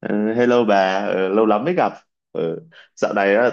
Ờ, Hello bà. Ờ, Lâu lắm mới gặp. Ờ, Dạo này á,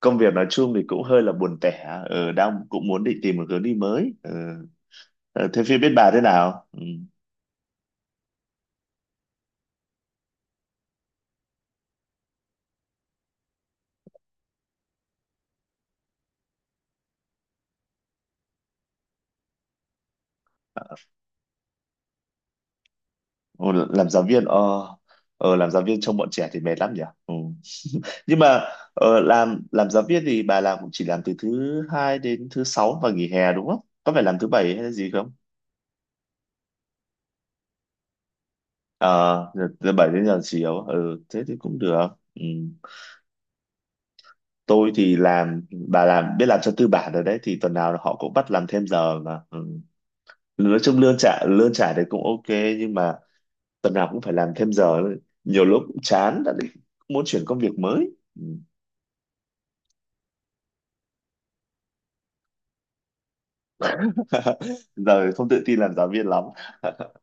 công việc nói chung thì cũng hơi là buồn tẻ. Đang cũng muốn định tìm một hướng đi mới. Ờ, ờ, Thế phía bên bà thế nào? Ừ. Ồ, làm giáo viên, làm giáo viên trông bọn trẻ thì mệt lắm nhỉ? Ừ. Nhưng mà làm giáo viên thì bà làm cũng chỉ làm từ thứ hai đến thứ sáu và nghỉ hè đúng không? Có phải làm thứ bảy hay là gì không? Ờ, thứ bảy đến giờ chiều, ừ, thế thì cũng được. Ừ. Tôi thì làm, bà làm biết làm cho tư bản rồi đấy, thì tuần nào họ cũng bắt làm thêm giờ mà, ừ. Nói chung lương trả đấy cũng ok, nhưng mà tuần nào cũng phải làm thêm giờ, nhiều lúc cũng chán, đã định muốn chuyển công việc mới. Ừ. Giờ không tự tin làm giáo viên lắm.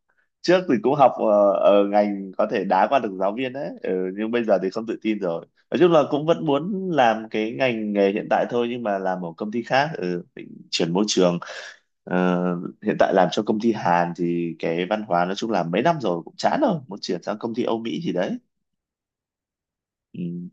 Trước thì cũng học ở ngành có thể đá qua được giáo viên đấy, ừ, nhưng bây giờ thì không tự tin rồi. Nói chung là cũng vẫn muốn làm cái ngành nghề hiện tại thôi nhưng mà làm ở công ty khác, ừ, định chuyển môi trường. Ờ, hiện tại làm cho công ty Hàn thì cái văn hóa nói chung là mấy năm rồi cũng chán rồi, muốn chuyển sang công ty Âu Mỹ gì đấy. Ừ.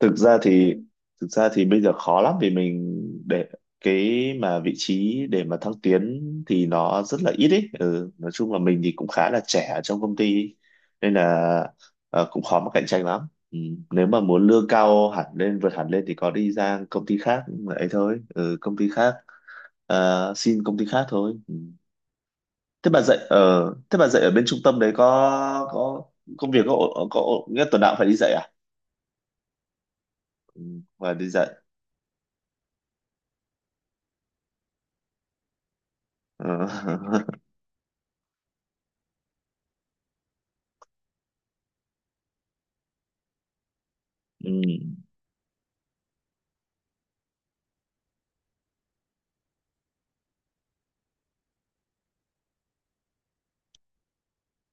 thực ra thì thực ra thì bây giờ khó lắm vì mình để cái mà vị trí để mà thăng tiến thì nó rất là ít ấy, ừ. Nói chung là mình thì cũng khá là trẻ ở trong công ty nên là cũng khó mà cạnh tranh lắm, ừ. Nếu mà muốn lương cao hẳn lên vượt hẳn lên thì có đi ra công ty khác ấy thôi, ừ, công ty khác. Ờ, xin công ty khác thôi. Thế bà dạy ở bên trung tâm đấy có công việc có nghĩa là tuần nào cũng phải đi dạy à? Ừ, và đi dạy. Ừ. Ừ.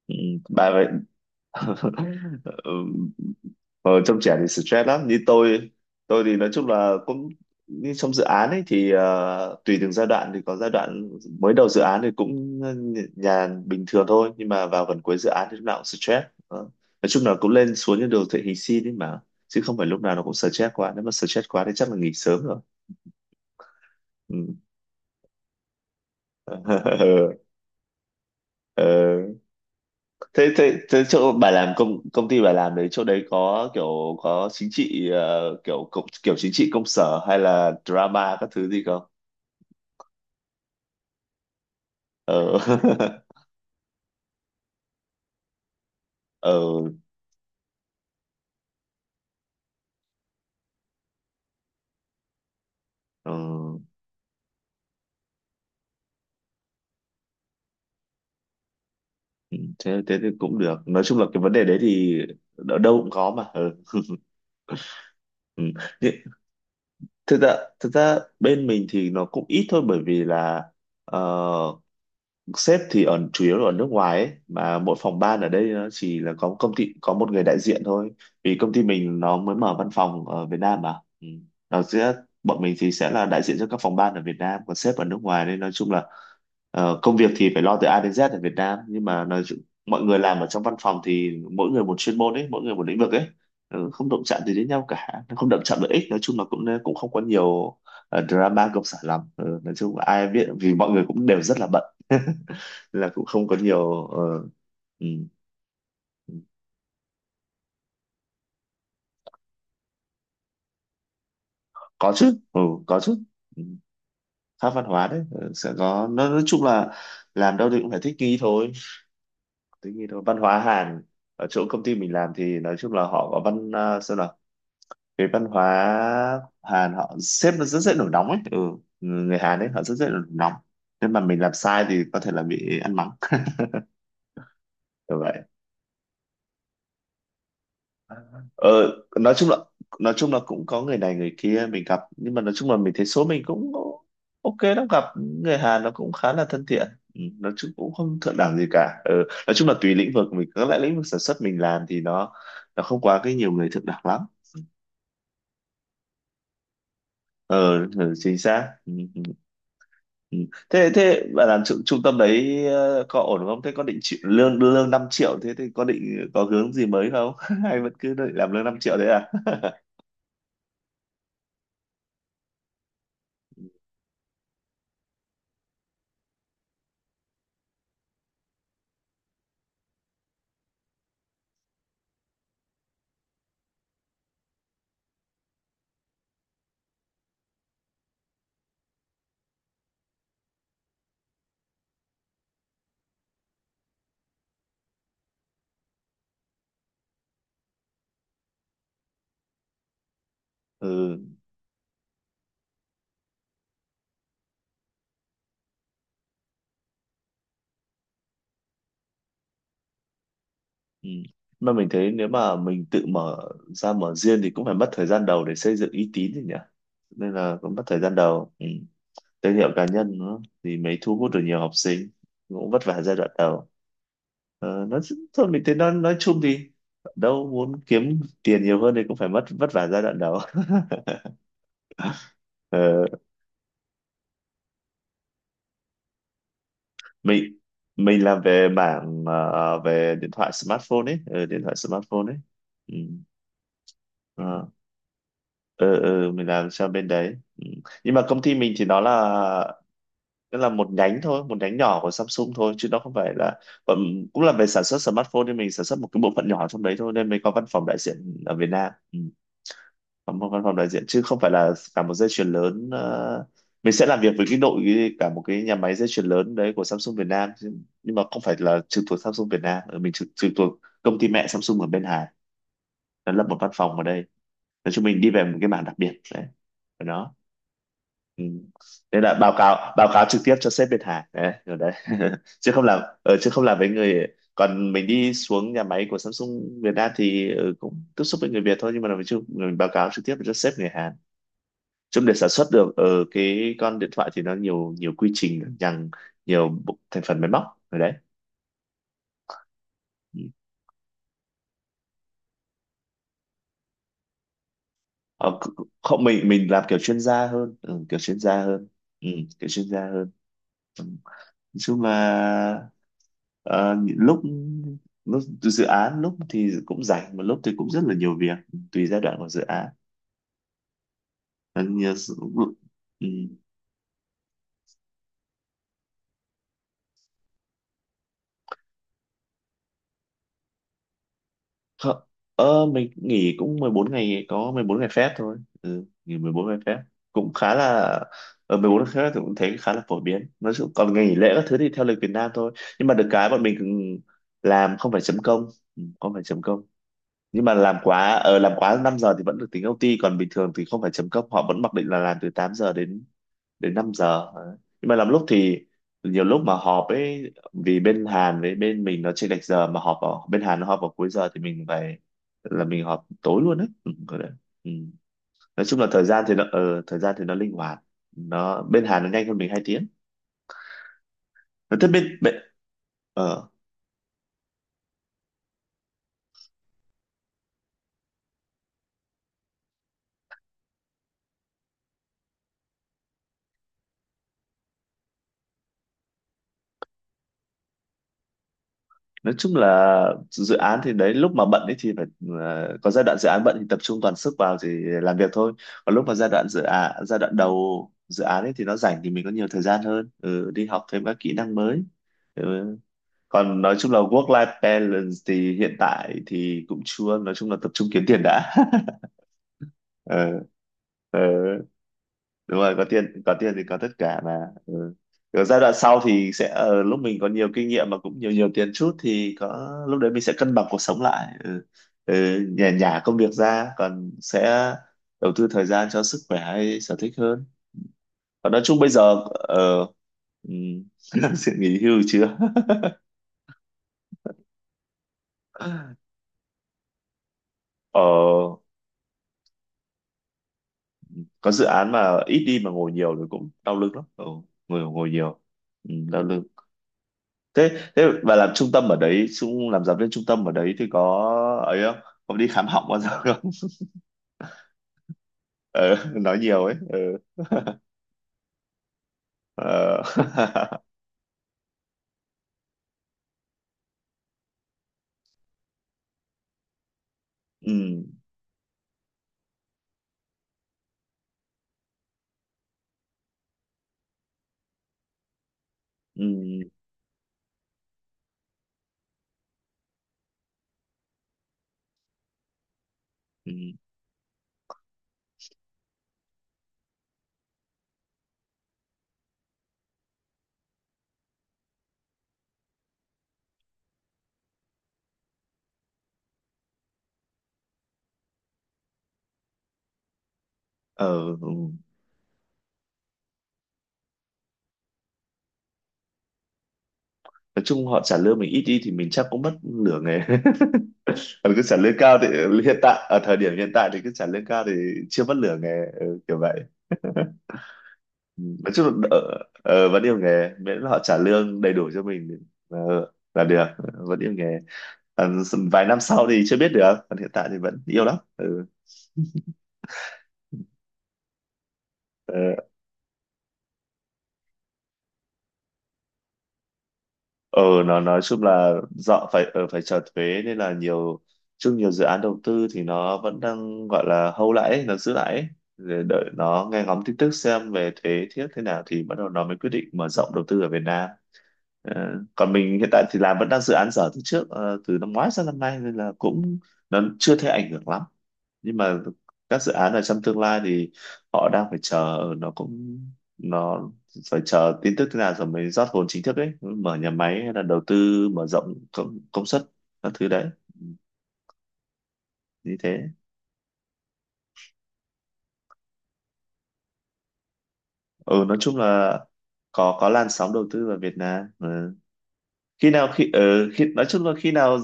Ừ. Bà vậy. Ừ, ở trong trẻ thì stress lắm. Như tôi thì nói chung là cũng như trong dự án ấy thì tùy từng giai đoạn, thì có giai đoạn mới đầu dự án thì cũng nhàn bình thường thôi, nhưng mà vào gần cuối dự án thì lúc nào cũng stress. Ờ. Nói chung là cũng lên xuống như đồ thị hình sin ấy mà, chứ không phải lúc nào nó cũng stress quá. Nếu mà stress quá thì chắc là nghỉ sớm rồi. Ừ. Ờ, thế thế thế chỗ bà làm, công công ty bà làm đấy, chỗ đấy có kiểu có chính trị, kiểu kiểu chính trị công sở hay là drama các thứ gì không? Ờ. Ờ. Ờ. Ừ, thế thế thì cũng được. Nói chung là cái vấn đề đấy thì ở đâu cũng có mà, ừ. Ừ. Nhưng- thực ra bên mình thì nó cũng ít thôi bởi vì là ờ, sếp thì ở chủ yếu là ở nước ngoài ấy mà, mỗi phòng ban ở đây nó chỉ là có công ty có một người đại diện thôi, vì công ty mình nó mới mở văn phòng ở Việt Nam mà, ừ. Nó sẽ, bọn mình thì sẽ là đại diện cho các phòng ban ở Việt Nam, còn sếp ở nước ngoài, nên nói chung là công việc thì phải lo từ A đến Z ở Việt Nam, nhưng mà nói chung, mọi người làm ở trong văn phòng thì mỗi người một chuyên môn ấy, mỗi người một lĩnh vực ấy. Ừ, không động chạm gì đến nhau cả, không động chạm lợi ích. Nói chung là cũng cũng không có nhiều drama công sở lắm. Ừ, nói chung là ai biết, vì mọi người cũng đều rất là bận. Là cũng không có nhiều, ừ. Có chứ, ừ, có chứ, ừ. Khác văn hóa đấy, sẽ có. Nó nói chung là làm đâu thì cũng phải thích nghi thôi, thích nghi thôi. Văn hóa Hàn, ở chỗ công ty mình làm thì nói chung là họ có văn, à, sao nào, cái văn hóa Hàn họ, sếp nó rất dễ nổi nóng ấy, ừ. Người Hàn ấy họ rất dễ nổi nóng, nên mà mình làm sai thì có thể là bị ăn mắng kiểu vậy. Ờ, nói chung là, cũng có người này người kia mình gặp, nhưng mà nói chung là mình thấy số mình cũng ok lắm. Gặp người Hàn nó cũng khá là thân thiện, ừ, nói chung cũng không thượng đẳng gì cả, ừ. Nói chung là tùy lĩnh vực mình, các lại lĩnh vực sản xuất mình làm thì nó không quá cái nhiều người thượng đẳng lắm. Ờ, ừ, chính xác, ừ, ừ. Ừ. thế thế bạn làm trung tâm đấy, có ổn không? Thế có định chịu, lương lương 5 triệu, thế thì có định có hướng gì mới không? Hay vẫn cứ định làm lương 5 triệu đấy à? Ừ. Ừ. Mà mình thấy nếu mà mình tự mở ra, mở riêng thì cũng phải mất thời gian đầu để xây dựng uy tín thì nhỉ. Nên là cũng mất thời gian đầu. Ừ. Thương hiệu cá nhân nó thì mới thu hút được nhiều học sinh. Cũng vất vả giai đoạn đầu. Ờ, nó, thôi mình thấy nó nói chung thì đâu muốn kiếm tiền nhiều hơn thì cũng phải mất vất vả giai đoạn đầu. Ờ, mình mình làm về mảng về điện thoại smartphone ấy, ờ, điện thoại smartphone ấy. Ừ. Ờ. Ừ mình làm cho bên đấy, ừ. Nhưng mà công ty mình thì nó là, nó là một nhánh thôi, một nhánh nhỏ của Samsung thôi chứ nó không phải là, bọn-, cũng là về sản xuất smartphone, nhưng mình sản xuất một cái bộ phận nhỏ trong đấy thôi nên mới có văn phòng đại diện ở Việt Nam, ừ. Có một văn phòng đại diện chứ không phải là cả một dây chuyền lớn. Ờ, mình sẽ làm việc với cái đội, cả một cái nhà máy dây chuyền lớn đấy của Samsung Việt Nam chứ- nhưng mà không phải là trực thuộc Samsung Việt Nam. Ừ, mình trực thuộc công ty mẹ Samsung ở bên Hà, nó lập một văn phòng ở đây. Nói chung mình đi về một cái mảng đặc biệt đấy ở đó. Ừ. Nên là báo cáo trực tiếp cho sếp Việt Hà đấy, rồi đấy. Chứ không làm ở, chứ không làm với người, còn mình đi xuống nhà máy của Samsung Việt Nam thì ừ, cũng tiếp xúc với người Việt thôi, nhưng mà mình chưa, mình báo cáo trực tiếp cho sếp người Hàn. Chung để sản xuất được ở cái con điện thoại thì nó nhiều nhiều quy trình nhằng, nhiều bộ- thành phần máy móc, rồi đấy. Ừ. Ờ, không, mình làm kiểu chuyên gia hơn, ừ, kiểu chuyên gia hơn, ừ, kiểu chuyên gia hơn. Nói chung là lúc lúc dự án, lúc thì cũng rảnh mà lúc thì cũng rất là nhiều việc, tùy giai đoạn của dự án. Ờ, nhiều sự-, ừ. Không, mình nghỉ cũng 14 ngày, có 14 ngày phép thôi, ừ, nghỉ 14 ngày phép cũng khá là, ở 14 ngày phép thì cũng thấy khá là phổ biến. Nói chung còn ngày nghỉ lễ các thứ thì theo lịch Việt Nam thôi. Nhưng mà được cái bọn mình cũng làm không phải chấm công. Ừ, không phải chấm công, nhưng mà làm quá làm quá 5 giờ thì vẫn được tính OT, còn bình thường thì không phải chấm công, họ vẫn mặc định là làm từ 8 giờ đến, đến 5 giờ. Đấy. Nhưng mà làm lúc thì, nhiều lúc mà họp ấy, vì bên Hàn với bên mình nó chênh lệch giờ, mà họp vào bên Hàn nó họp vào cuối giờ thì mình phải là mình họp tối luôn đấy, ừ, kiểu đấy. Ừ. Nói chung là thời gian thì nó, thời gian thì nó linh hoạt. Nó bên Hàn nó nhanh hơn mình 2 tiếng. Thế bên bên, ờ, nói chung là dự án thì đấy, lúc mà bận ấy thì phải, có giai đoạn dự án bận thì tập trung toàn sức vào thì làm việc thôi, còn lúc mà giai đoạn dự án, giai đoạn đầu dự án ấy thì nó rảnh thì mình có nhiều thời gian hơn, ừ, đi học thêm các kỹ năng mới, ừ. Còn nói chung là work life balance thì hiện tại thì cũng chưa, nói chung là tập trung kiếm tiền đã. Ừ, đúng rồi, có tiền, có tiền thì có tất cả mà, ừ. Ở giai đoạn sau thì sẽ, lúc mình có nhiều kinh nghiệm mà cũng nhiều nhiều tiền chút thì có lúc đấy mình sẽ cân bằng cuộc sống lại, ừ. Ừ, nhả nhả công việc ra, còn sẽ đầu tư thời gian cho sức khỏe hay sở thích hơn. Còn nói chung bây giờ, ừ, sự nghỉ hưu chưa. Ờ, có dự án mà ít đi mà ngồi nhiều thì cũng đau lưng lắm, ừ, ngồi ngồi nhiều, ừ, đau lưng. Thế thế và làm trung tâm ở đấy, xuống làm giáo viên trung tâm ở đấy thì có ấy không, có đi khám họng bao giờ không? Ừ, nói nhiều ấy, ừ. Ờ. Ừ. Ừ. Ừ. Ờ, ừ. Nói chung họ trả lương mình ít đi thì mình chắc cũng mất nửa nghề. Còn cứ trả lương cao thì, hiện tại ở thời điểm hiện tại thì cứ trả lương cao thì chưa mất nửa nghề, ừ, kiểu vậy. Nói chung là đỡ, ờ, vẫn yêu nghề miễn là họ trả lương đầy đủ cho mình. ờ, là được, vẫn yêu nghề, còn vài năm sau thì chưa biết được, còn hiện tại thì vẫn yêu lắm, ừ. Ờ. Ờ, nó nói chung là dọ phải, phải trả thuế nên là nhiều chung, nhiều dự án đầu tư thì nó vẫn đang gọi là hold lại ấy, nó giữ lại ấy. Để đợi nó nghe ngóng tin tức xem về thuế thiết thế nào thì bắt đầu nó mới quyết định mở rộng đầu tư ở Việt Nam. Ờ, còn mình hiện tại thì làm vẫn đang dự án dở từ trước, từ năm ngoái sang năm nay nên là cũng, nó chưa thấy ảnh hưởng lắm. Nhưng mà các dự án ở trong tương lai thì họ đang phải chờ, nó cũng, nó phải chờ tin tức thế nào rồi mới rót vốn chính thức ấy, mở nhà máy hay là đầu tư mở rộng công suất các thứ đấy, như thế. Ừ, nói chung là có làn sóng đầu tư vào Việt Nam, ừ. Khi nào khi, ừ, khi nói chung là khi nào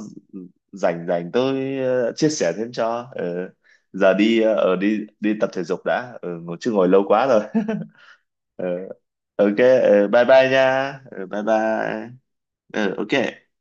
rảnh rảnh tôi, chia sẻ thêm cho, ừ. Giờ đi, ở đi đi tập thể dục đã, ừ, ngồi chứ ngồi lâu quá rồi. Ừ. Ok, ừ, bye bye nha, ừ, bye bye, ừ, ok.